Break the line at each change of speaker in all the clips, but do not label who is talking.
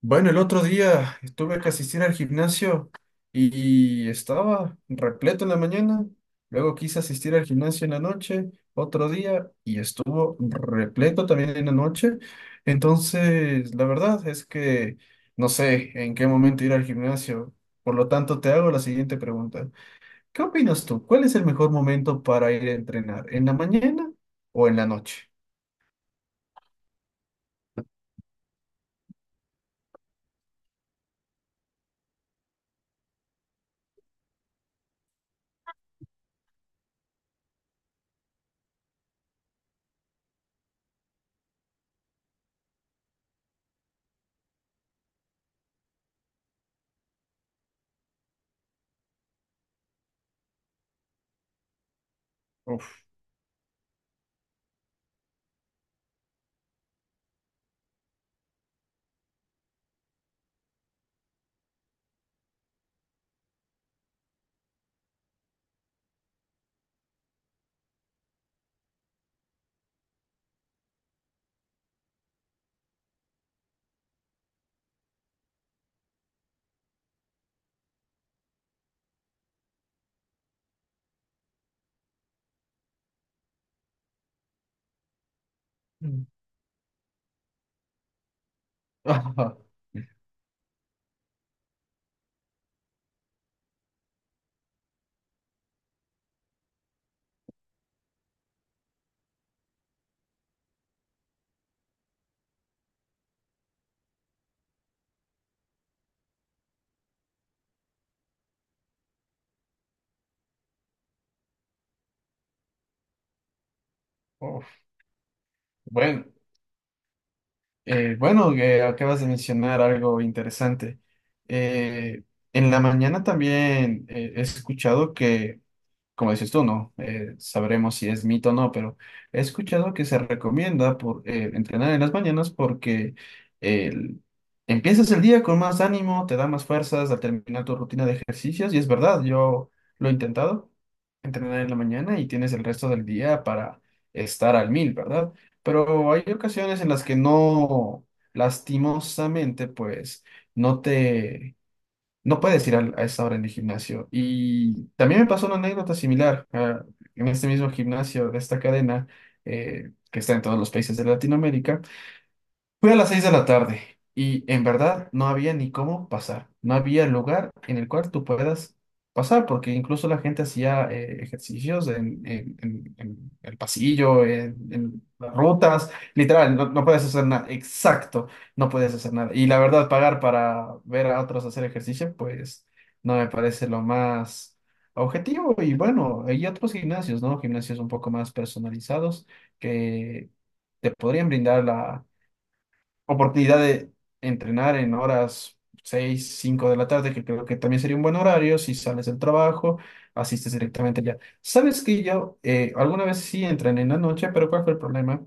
Bueno, el otro día estuve que asistir al gimnasio y estaba repleto en la mañana. Luego quise asistir al gimnasio en la noche, otro día, y estuvo repleto también en la noche. Entonces, la verdad es que no sé en qué momento ir al gimnasio. Por lo tanto, te hago la siguiente pregunta. ¿Qué opinas tú? ¿Cuál es el mejor momento para ir a entrenar? ¿En la mañana o en la noche? Uf. Mm. Uf. Bueno. Bueno, que acabas de mencionar algo interesante. Eh, en la mañana también he escuchado que como dices tú, ¿no? Sabremos si es mito o no, pero he escuchado que se recomienda por, entrenar en las mañanas porque el- empiezas el día con más ánimo, te da más fuerzas al terminar tu rutina de ejercicios y es verdad, yo lo he intentado, entrenar en la mañana y tienes el resto del día para estar al mil, ¿verdad? Pero hay ocasiones en las que no, lastimosamente, pues no te no puedes ir a esa hora en el gimnasio. Y también me pasó una anécdota similar ah, en este mismo gimnasio de esta cadena que está en todos los países de Latinoamérica. Fui a las 6 de la tarde y en verdad no había ni cómo pasar. No había lugar en el cual tú puedas pasar, porque incluso la gente hacía ejercicios en el pasillo, en las rutas. Literal, no puedes hacer nada. Exacto, no puedes hacer nada. Y la verdad, pagar para ver a otros hacer ejercicio, pues no me parece lo más objetivo. Y bueno, hay otros gimnasios, ¿no? Gimnasios un poco más personalizados que te podrían brindar la oportunidad de entrenar en horas 6 5 de la tarde, que creo que también sería un buen horario, si sales del trabajo, asistes directamente ya. Sabes que yo alguna vez sí entrené en la noche, pero ¿cuál fue el problema?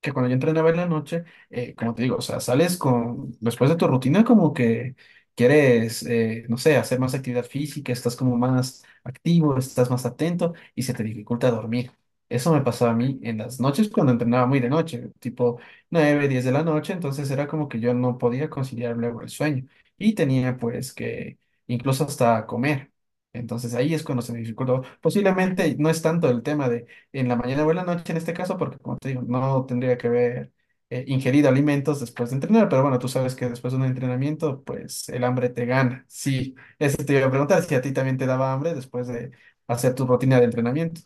Que cuando yo entrenaba en la noche, como te digo, o sea, sales con, después de tu rutina como que quieres, no sé, hacer más actividad física, estás como más activo, estás más atento y se te dificulta dormir. Eso me pasaba a mí en las noches cuando entrenaba muy de noche, tipo 9, 10 de la noche, entonces era como que yo no podía conciliar luego el sueño y tenía pues que incluso hasta comer. Entonces ahí es cuando se me dificultó. Posiblemente no es tanto el tema de en la mañana o en la noche en este caso, porque como te digo, no tendría que haber ingerido alimentos después de entrenar, pero bueno, tú sabes que después de un entrenamiento, pues el hambre te gana. Sí, eso te iba a preguntar, si a ti también te daba hambre después de hacer tu rutina de entrenamiento.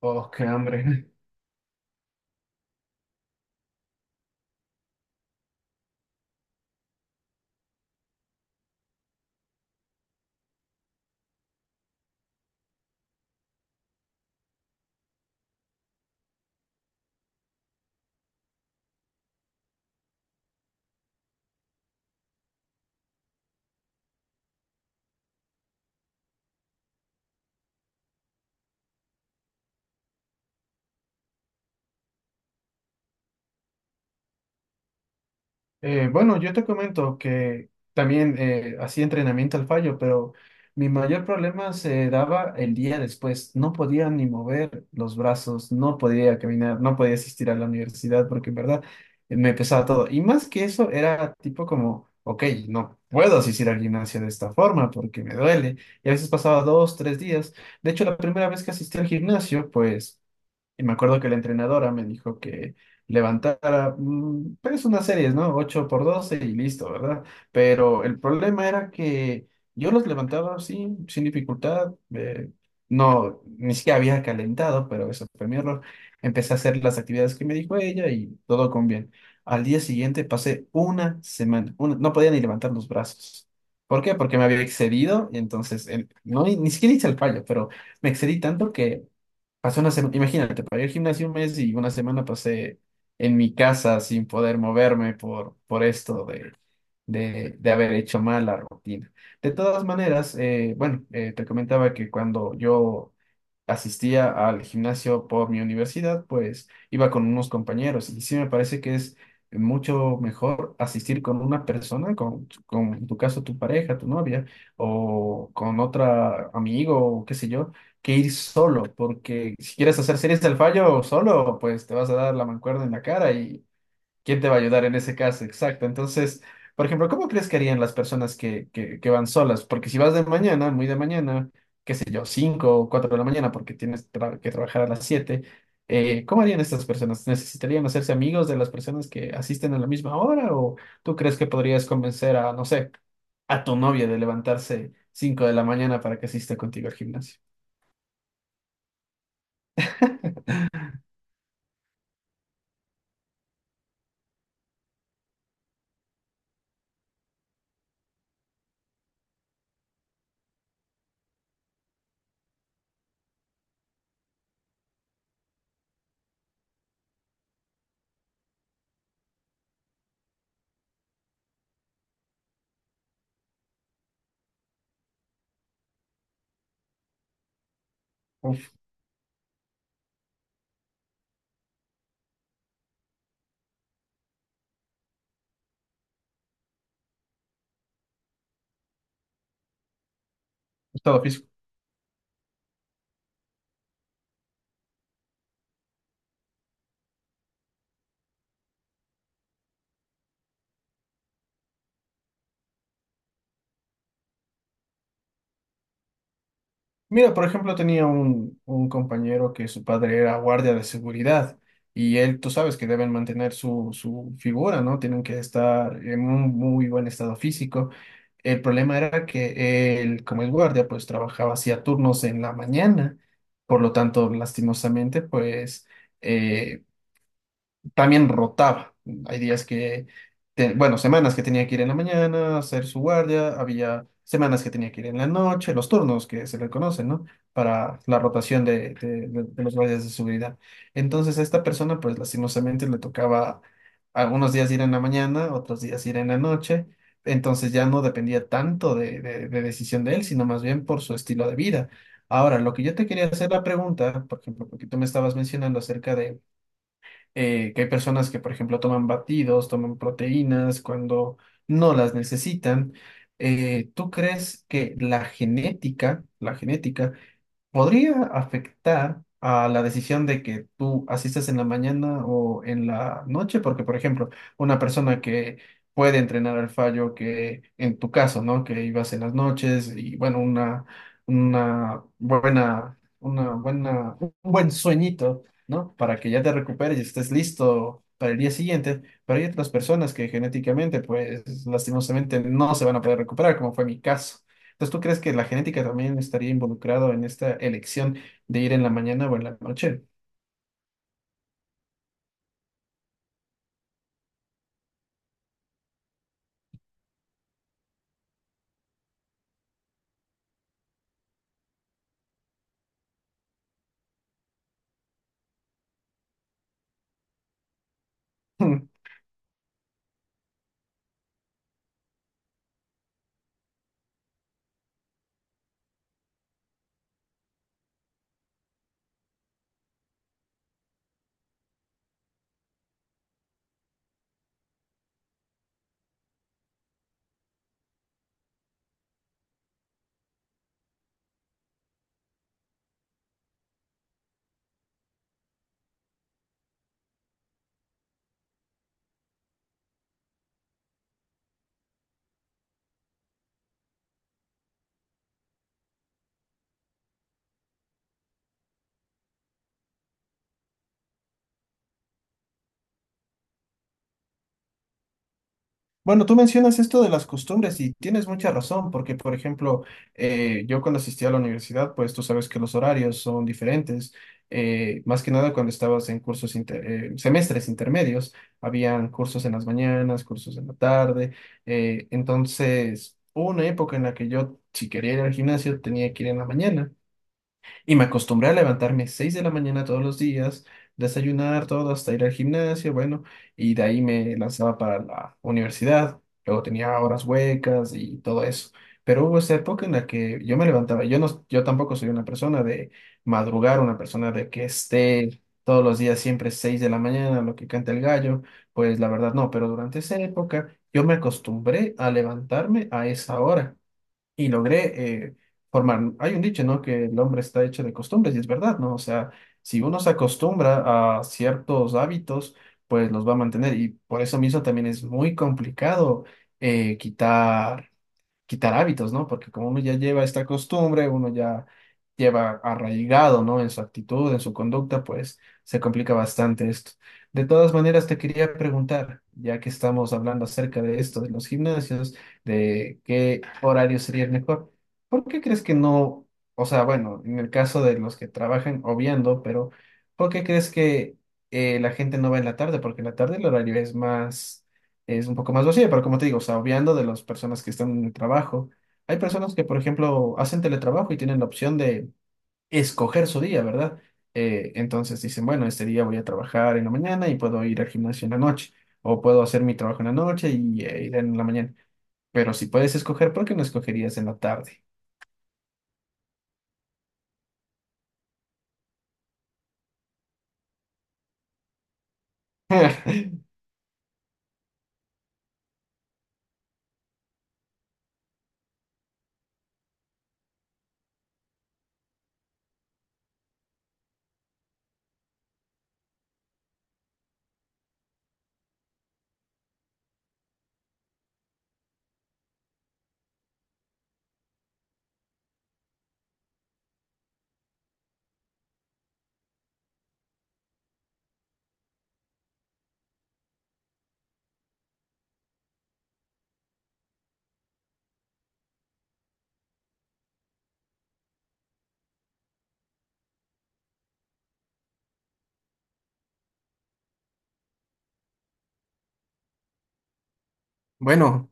Oh, qué hambre. Bueno, yo te comento que también hacía entrenamiento al fallo, pero mi mayor problema se daba el día después. No podía ni mover los brazos, no podía caminar, no podía asistir a la universidad porque en verdad me pesaba todo. Y más que eso, era tipo como, ok, no puedo asistir al gimnasio de esta forma porque me duele. Y a veces pasaba 2, 3 días. De hecho, la primera vez que asistí al gimnasio, pues... y me acuerdo que la entrenadora me dijo que levantara, mm, pues unas series, ¿no? 8 por 12 y listo, ¿verdad? Pero el problema era que yo los levantaba así, sin dificultad. No, ni siquiera había calentado, pero eso fue mi error. Empecé a hacer las actividades que me dijo ella y todo con bien. Al día siguiente pasé una semana, no podía ni levantar los brazos. ¿Por qué? Porque me había excedido y entonces, ni siquiera hice el fallo, pero me excedí tanto que pasé una semana, imagínate, para ir al gimnasio un mes y una semana pasé en mi casa sin poder moverme por esto de haber hecho mal la rutina. De todas maneras, te comentaba que cuando yo asistía al gimnasio por mi universidad, pues iba con unos compañeros y sí me parece que es mucho mejor asistir con una persona, con en tu caso tu pareja, tu novia o con otra amigo o qué sé yo, que ir solo, porque si quieres hacer series del fallo solo, pues te vas a dar la mancuerna en la cara y ¿quién te va a ayudar en ese caso? Exacto, entonces... Por ejemplo, ¿cómo crees que harían las personas que van solas? Porque si vas de mañana, muy de mañana, qué sé yo, 5 o 4 de la mañana porque tienes que trabajar a las 7, ¿cómo harían estas personas? ¿Necesitarían hacerse amigos de las personas que asisten a la misma hora? ¿O tú crees que podrías convencer a, no sé, a tu novia de levantarse 5 de la mañana para que asista contigo al gimnasio? Uf, todo. Mira, por ejemplo, tenía un compañero que su padre era guardia de seguridad y él, tú sabes que deben mantener su figura, ¿no? Tienen que estar en un muy buen estado físico. El problema era que él, como es guardia, pues trabajaba hacía turnos en la mañana, por lo tanto, lastimosamente, pues eh, también rotaba. Hay días que, bueno, semanas que tenía que ir en la mañana, hacer su guardia, había semanas que tenía que ir en la noche, los turnos que se le conocen, ¿no? Para la rotación de los guardias de seguridad. Entonces a esta persona, pues lastimosamente le tocaba algunos días ir en la mañana, otros días ir en la noche. Entonces ya no dependía tanto de decisión de él, sino más bien por su estilo de vida. Ahora, lo que yo te quería hacer la pregunta, por ejemplo, porque tú me estabas mencionando acerca de que hay personas que, por ejemplo, toman batidos, toman proteínas cuando no las necesitan. ¿Tú crees que la genética podría afectar a la decisión de que tú asistas en la mañana o en la noche, porque, por ejemplo, una persona que puede entrenar al fallo, que en tu caso, ¿no? Que ibas en las noches y, bueno, una buena, un buen sueñito, ¿no? Para que ya te recuperes y estés listo para el día siguiente, pero hay otras personas que genéticamente, pues lastimosamente no se van a poder recuperar, como fue mi caso. Entonces, ¿tú crees que la genética también estaría involucrado en esta elección de ir en la mañana o en la noche? Hmm. Bueno, tú mencionas esto de las costumbres y tienes mucha razón, porque, por ejemplo, yo cuando asistí a la universidad, pues tú sabes que los horarios son diferentes. Más que nada cuando estabas en cursos, semestres intermedios, habían cursos en las mañanas, cursos en la tarde. Entonces, hubo una época en la que yo, si quería ir al gimnasio, tenía que ir en la mañana. Y me acostumbré a levantarme 6 de la mañana todos los días, desayunar todo, hasta ir al gimnasio, bueno, y de ahí me lanzaba para la universidad. Luego tenía horas huecas y todo eso. Pero hubo esa época en la que yo me levantaba. Yo tampoco soy una persona de madrugar, una persona de que esté todos los días siempre 6 de la mañana, lo que canta el gallo. Pues la verdad no, pero durante esa época yo me acostumbré a levantarme a esa hora y logré eh, formar. Hay un dicho, ¿no? Que el hombre está hecho de costumbres y es verdad, ¿no? O sea, si uno se acostumbra a ciertos hábitos, pues los va a mantener y por eso mismo también es muy complicado eh, quitar quitar hábitos, ¿no? Porque como uno ya lleva esta costumbre, uno ya lleva arraigado, ¿no? En su actitud, en su conducta, pues se complica bastante esto. De todas maneras, te quería preguntar, ya que estamos hablando acerca de esto, de los gimnasios, de qué horario sería el mejor, ¿por qué crees que no, o sea, bueno, en el caso de los que trabajan, obviando, pero ¿por qué crees que la gente no va en la tarde? Porque en la tarde el horario es más, es un poco más vacía, pero como te digo, o sea, obviando de las personas que están en el trabajo, hay personas que, por ejemplo, hacen teletrabajo y tienen la opción de escoger su día, ¿verdad? Entonces dicen, bueno, este día voy a trabajar en la mañana y puedo ir al gimnasio en la noche, o puedo hacer mi trabajo en la noche y ir en la mañana. Pero si puedes escoger, ¿por qué no escogerías en la tarde? Bueno,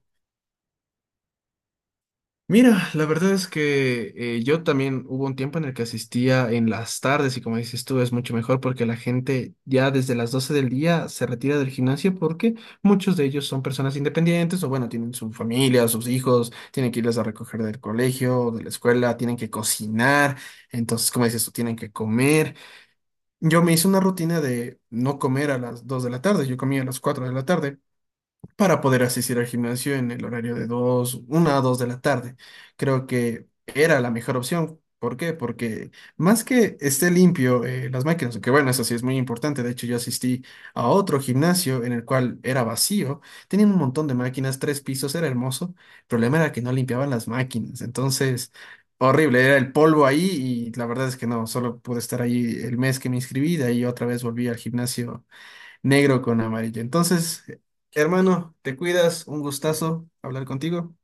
mira, la verdad es que yo también hubo un tiempo en el que asistía en las tardes y como dices tú es mucho mejor porque la gente ya desde las 12 del día se retira del gimnasio porque muchos de ellos son personas independientes o bueno, tienen su familia, sus hijos, tienen que irles a recoger del colegio, o de la escuela, tienen que cocinar, entonces como dices tú tienen que comer. Yo me hice una rutina de no comer a las 2 de la tarde, yo comía a las 4 de la tarde para poder asistir al gimnasio en el horario de dos 1 a 2 de la tarde. Creo que era la mejor opción. ¿Por qué? Porque más que esté limpio las máquinas, que bueno, eso sí es muy importante. De hecho, yo asistí a otro gimnasio en el cual era vacío, tenían un montón de máquinas, tres pisos, era hermoso. El problema era que no limpiaban las máquinas. Entonces, horrible, era el polvo ahí y la verdad es que no, solo pude estar ahí el mes que me inscribí, de ahí otra vez volví al gimnasio negro con amarillo. Entonces, hermano, te cuidas, un gustazo hablar contigo.